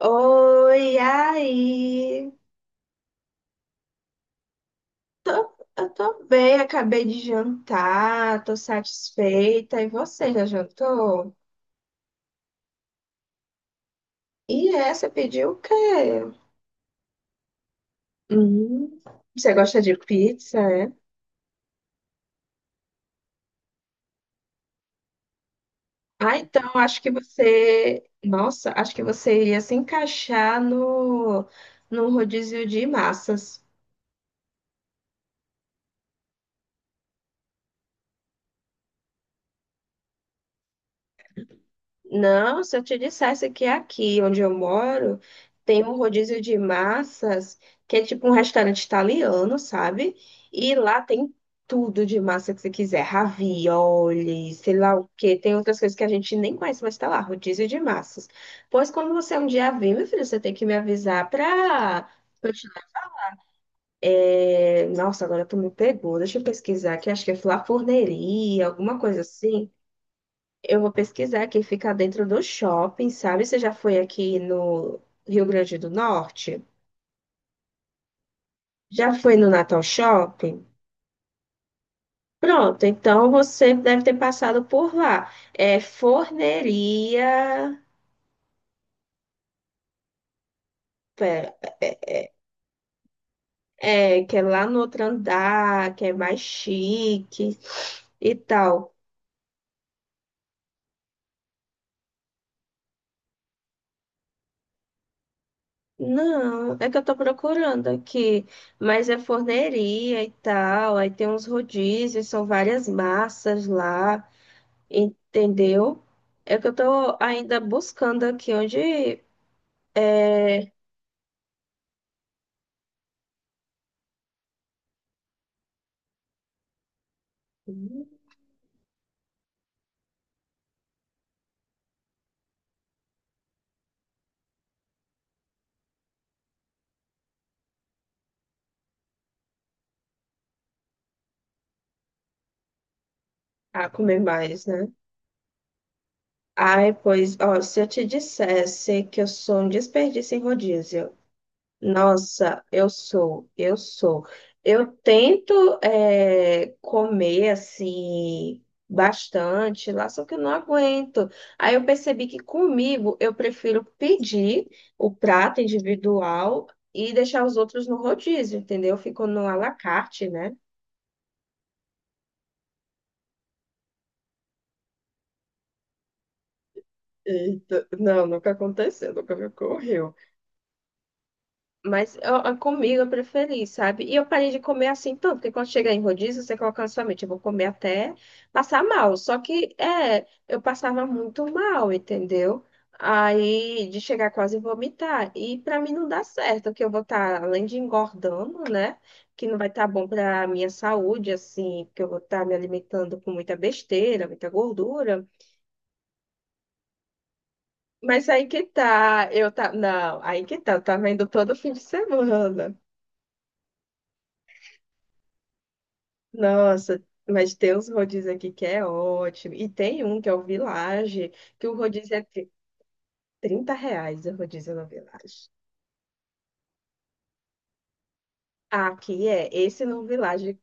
Oi, aí. Eu tô bem, acabei de jantar, tô satisfeita. E você já jantou? E é, você pediu o quê? Hum, você gosta de pizza, é? Ah, então acho que você. Nossa, acho que você iria se encaixar no rodízio de massas. Não, se eu te dissesse que aqui onde eu moro tem um rodízio de massas, que é tipo um restaurante italiano, sabe? E lá tem tudo de massa que você quiser, ravioli, sei lá o quê. Tem outras coisas que a gente nem conhece, mas tá lá, rodízio de massas. Pois quando você um dia vir, meu filho, você tem que me avisar pra. Nossa, agora tu me pegou. Deixa eu pesquisar aqui, acho que é Flafurneria, alguma coisa assim. Eu vou pesquisar que fica dentro do shopping, sabe? Você já foi aqui no Rio Grande do Norte? Já foi no Natal Shopping? Pronto, então você deve ter passado por lá. É forneria. Pera, é, é, que é lá no outro andar, que é mais chique e tal. Não, é que eu tô procurando aqui, mas é forneria e tal. Aí tem uns rodízios, são várias massas lá. Entendeu? É que eu tô ainda buscando aqui onde é, ah, comer mais, né? Ai, pois, ó, se eu te dissesse que eu sou um desperdício em rodízio, nossa, eu sou. Eu tento comer assim bastante lá, só que eu não aguento. Aí eu percebi que comigo eu prefiro pedir o prato individual e deixar os outros no rodízio, entendeu? Fico no à la carte, né? Eita, não, nunca aconteceu, nunca me ocorreu. Mas comigo eu preferi, sabe? E eu parei de comer assim tanto, porque quando chega em rodízio, você coloca na sua mente, eu vou comer até passar mal. Só que, eu passava muito mal, entendeu? Aí, de chegar quase a vomitar. E pra mim não dá certo, porque eu vou estar, além de engordando, né? Que não vai estar bom pra minha saúde, assim, porque eu vou estar me alimentando com muita besteira, muita gordura. Mas aí que tá, eu tá, não, aí que tá, eu tava indo todo fim de semana. Nossa, mas tem uns rodízios aqui que é ótimo. E tem um que é o Village, que o rodízio é 30 reais o rodízio no Village. Aqui é, esse no Village,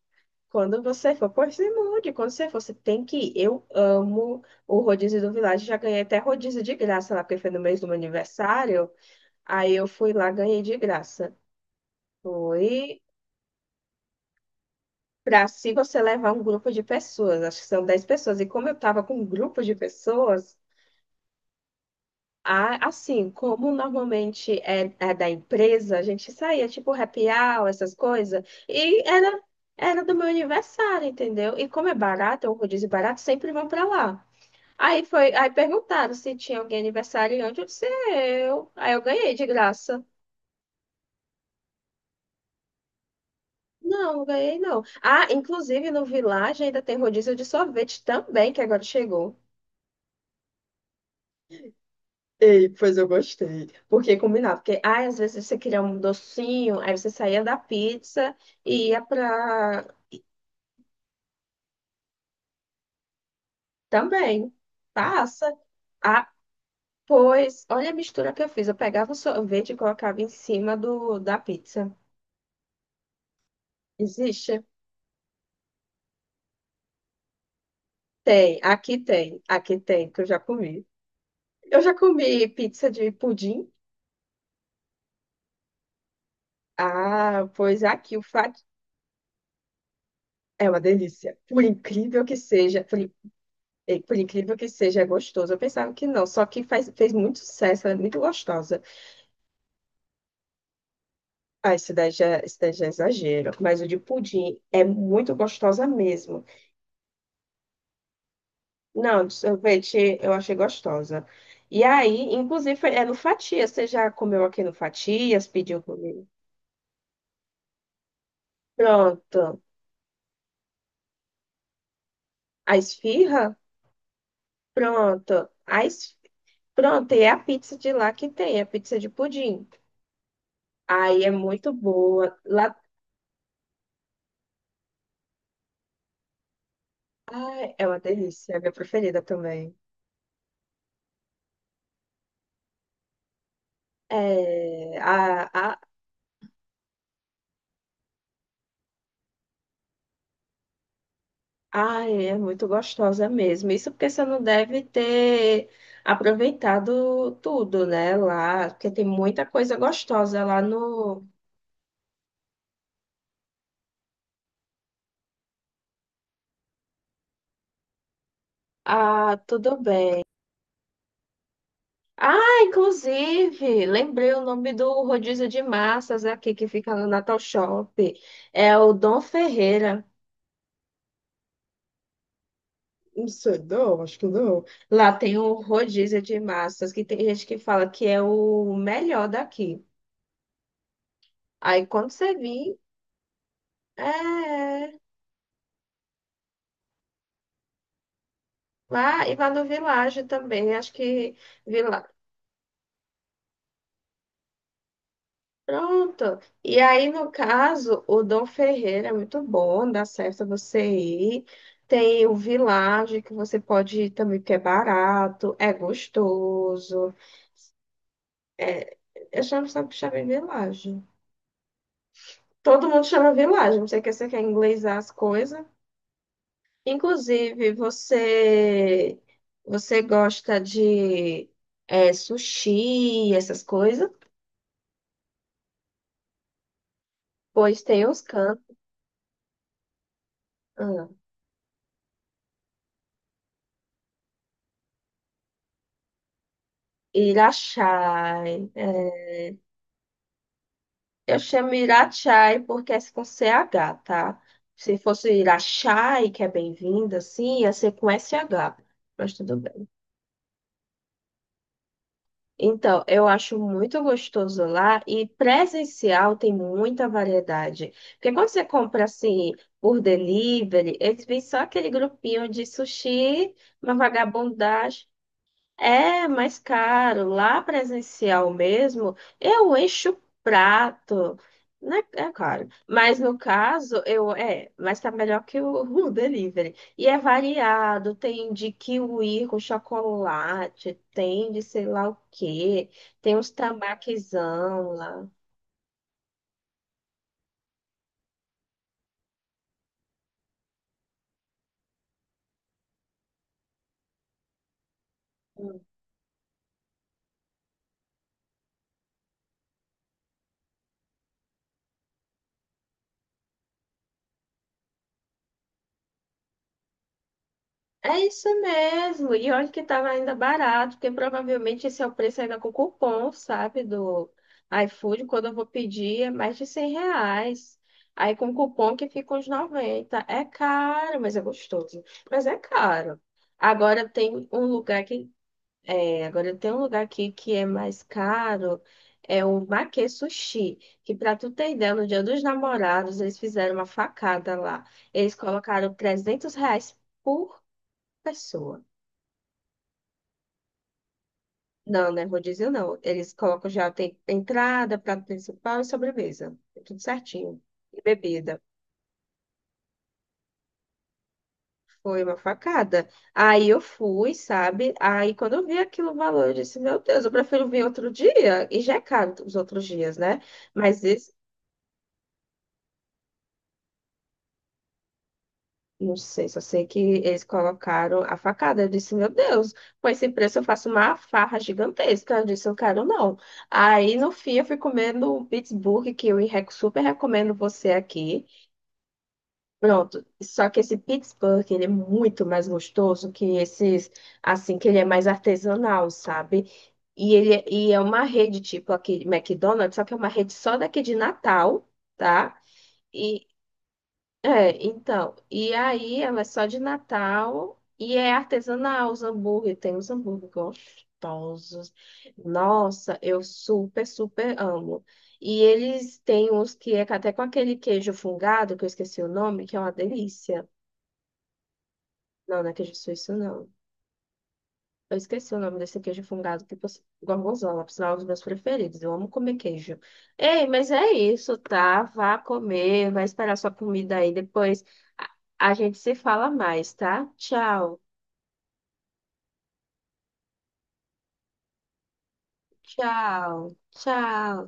quando você for, pois se mude, quando você for, você tem que ir. Eu amo o rodízio do Village, já ganhei até rodízio de graça lá, porque foi no mês do meu aniversário, aí eu fui lá, ganhei de graça. Foi... Pra se você levar um grupo de pessoas, acho que são 10 pessoas, e como eu tava com um grupo de pessoas, ah, assim, como normalmente é da empresa, a gente saía tipo happy hour, essas coisas, era do meu aniversário, entendeu? E como é barato, é um rodízio barato, sempre vão pra lá. Aí perguntaram se tinha alguém aniversariante, eu disse, "É eu. Aí eu ganhei de graça. Não, não ganhei não. Ah, inclusive no Village ainda tem rodízio de sorvete também, que agora chegou. Ei, pois eu gostei. Porque combinava. Porque ai, às vezes você queria um docinho, aí você saía da pizza e ia para também. Passa. Ah, pois, olha a mistura que eu fiz. Eu pegava o sorvete e colocava em cima da pizza. Existe? Tem, aqui tem, que eu já comi. Eu já comi pizza de pudim. Ah, pois aqui o fato é uma delícia. Por incrível que seja, por e, por incrível que seja, é gostoso. Eu pensava que não, só que fez muito sucesso, ela é muito gostosa. Ah, esse daí já é exagero. Mas o de pudim é muito gostosa mesmo. Não, de sorvete eu achei gostosa. E aí, inclusive, é no Fatias. Você já comeu aqui no Fatias? Pediu comigo? Pronto. A esfirra? Pronto. A es- Pronto, e é a pizza de lá que tem, a pizza de pudim. Aí é muito boa. Lá... Ai, é uma delícia, é a minha preferida também. É, a, a, ai, é muito gostosa mesmo. Isso porque você não deve ter aproveitado tudo, né? Lá, porque tem muita coisa gostosa lá no. Ah, tudo bem. Ah, inclusive, lembrei o nome do rodízio de massas aqui que fica no Natal Shop. É o Dom Ferreira. Não sei, não, acho que não. Lá tem o rodízio de massas, que tem gente que fala que é o melhor daqui. Aí quando você vir. É, é. Lá e lá no Village também, acho que Village. Pronto. E aí, no caso, o Dom Ferreira é muito bom, dá certo você ir. Tem o Village que você pode ir também, porque é barato, é gostoso. É, eu chamo sempre chamo de Village. Todo mundo chama Village, não sei que você quer inglesar as coisas. Inclusive, você gosta de sushi, essas coisas? Pois tem os cantos. Ah, Irachai. É, eu chamo Irachai porque é com CH, tá? Se fosse Irachai, que é bem-vinda, sim, ia ser com SH. Mas tudo bem. Então, eu acho muito gostoso lá e presencial tem muita variedade. Porque quando você compra assim por delivery, eles vêm só aquele grupinho de sushi, uma vagabundagem. É mais caro. Lá presencial mesmo, eu encho o prato. Né? É claro. Mas no caso, mas tá melhor que o delivery. E é variado, tem de kiwi com chocolate, tem de sei lá o quê, tem uns tambaquezão lá. É isso mesmo. E olha que estava ainda barato, porque provavelmente esse é o preço ainda com cupom, sabe? Do iFood, quando eu vou pedir, é mais de 100 reais. Aí com cupom que fica uns 90. É caro, mas é gostoso. Mas é caro. Agora tem um lugar que agora tem um lugar aqui que é mais caro, é o Make Sushi, que para tu ter ideia, no Dia dos Namorados eles fizeram uma facada lá. Eles colocaram 300 reais pessoa. Não, né? Rodízio não. Eles colocam já tem entrada, prato principal e sobremesa. É tudo certinho. E bebida. Foi uma facada. Aí eu fui, sabe? Aí quando eu vi aquilo o valor, eu disse, meu Deus, eu prefiro vir outro dia. E já é caro os outros dias, né? Mas esse, não sei, só sei que eles colocaram a facada. Eu disse, meu Deus, com esse preço eu faço uma farra gigantesca. Eu disse, eu quero não. Aí no fim eu fui comendo um Pittsburgh, que eu super recomendo você aqui. Pronto. Só que esse Pittsburgh, ele é muito mais gostoso que esses, assim, que ele é mais artesanal, sabe? E é uma rede tipo aquele McDonald's, só que é uma rede só daqui de Natal, tá? E e aí ela é só de Natal e é artesanal os hambúrguer, tem os hambúrguer gostosos. Nossa, super amo. E eles têm uns que é até com aquele queijo fungado, que eu esqueci o nome, que é uma delícia. Não, não é queijo suíço, não. Eu esqueci o nome desse queijo fungado que você... Gorgonzola, por sinal, é um dos meus preferidos. Eu amo comer queijo. Ei, mas é isso, tá? Vá comer, vai esperar sua comida aí. Depois a a gente se fala mais, tá? Tchau, tchau, tchau.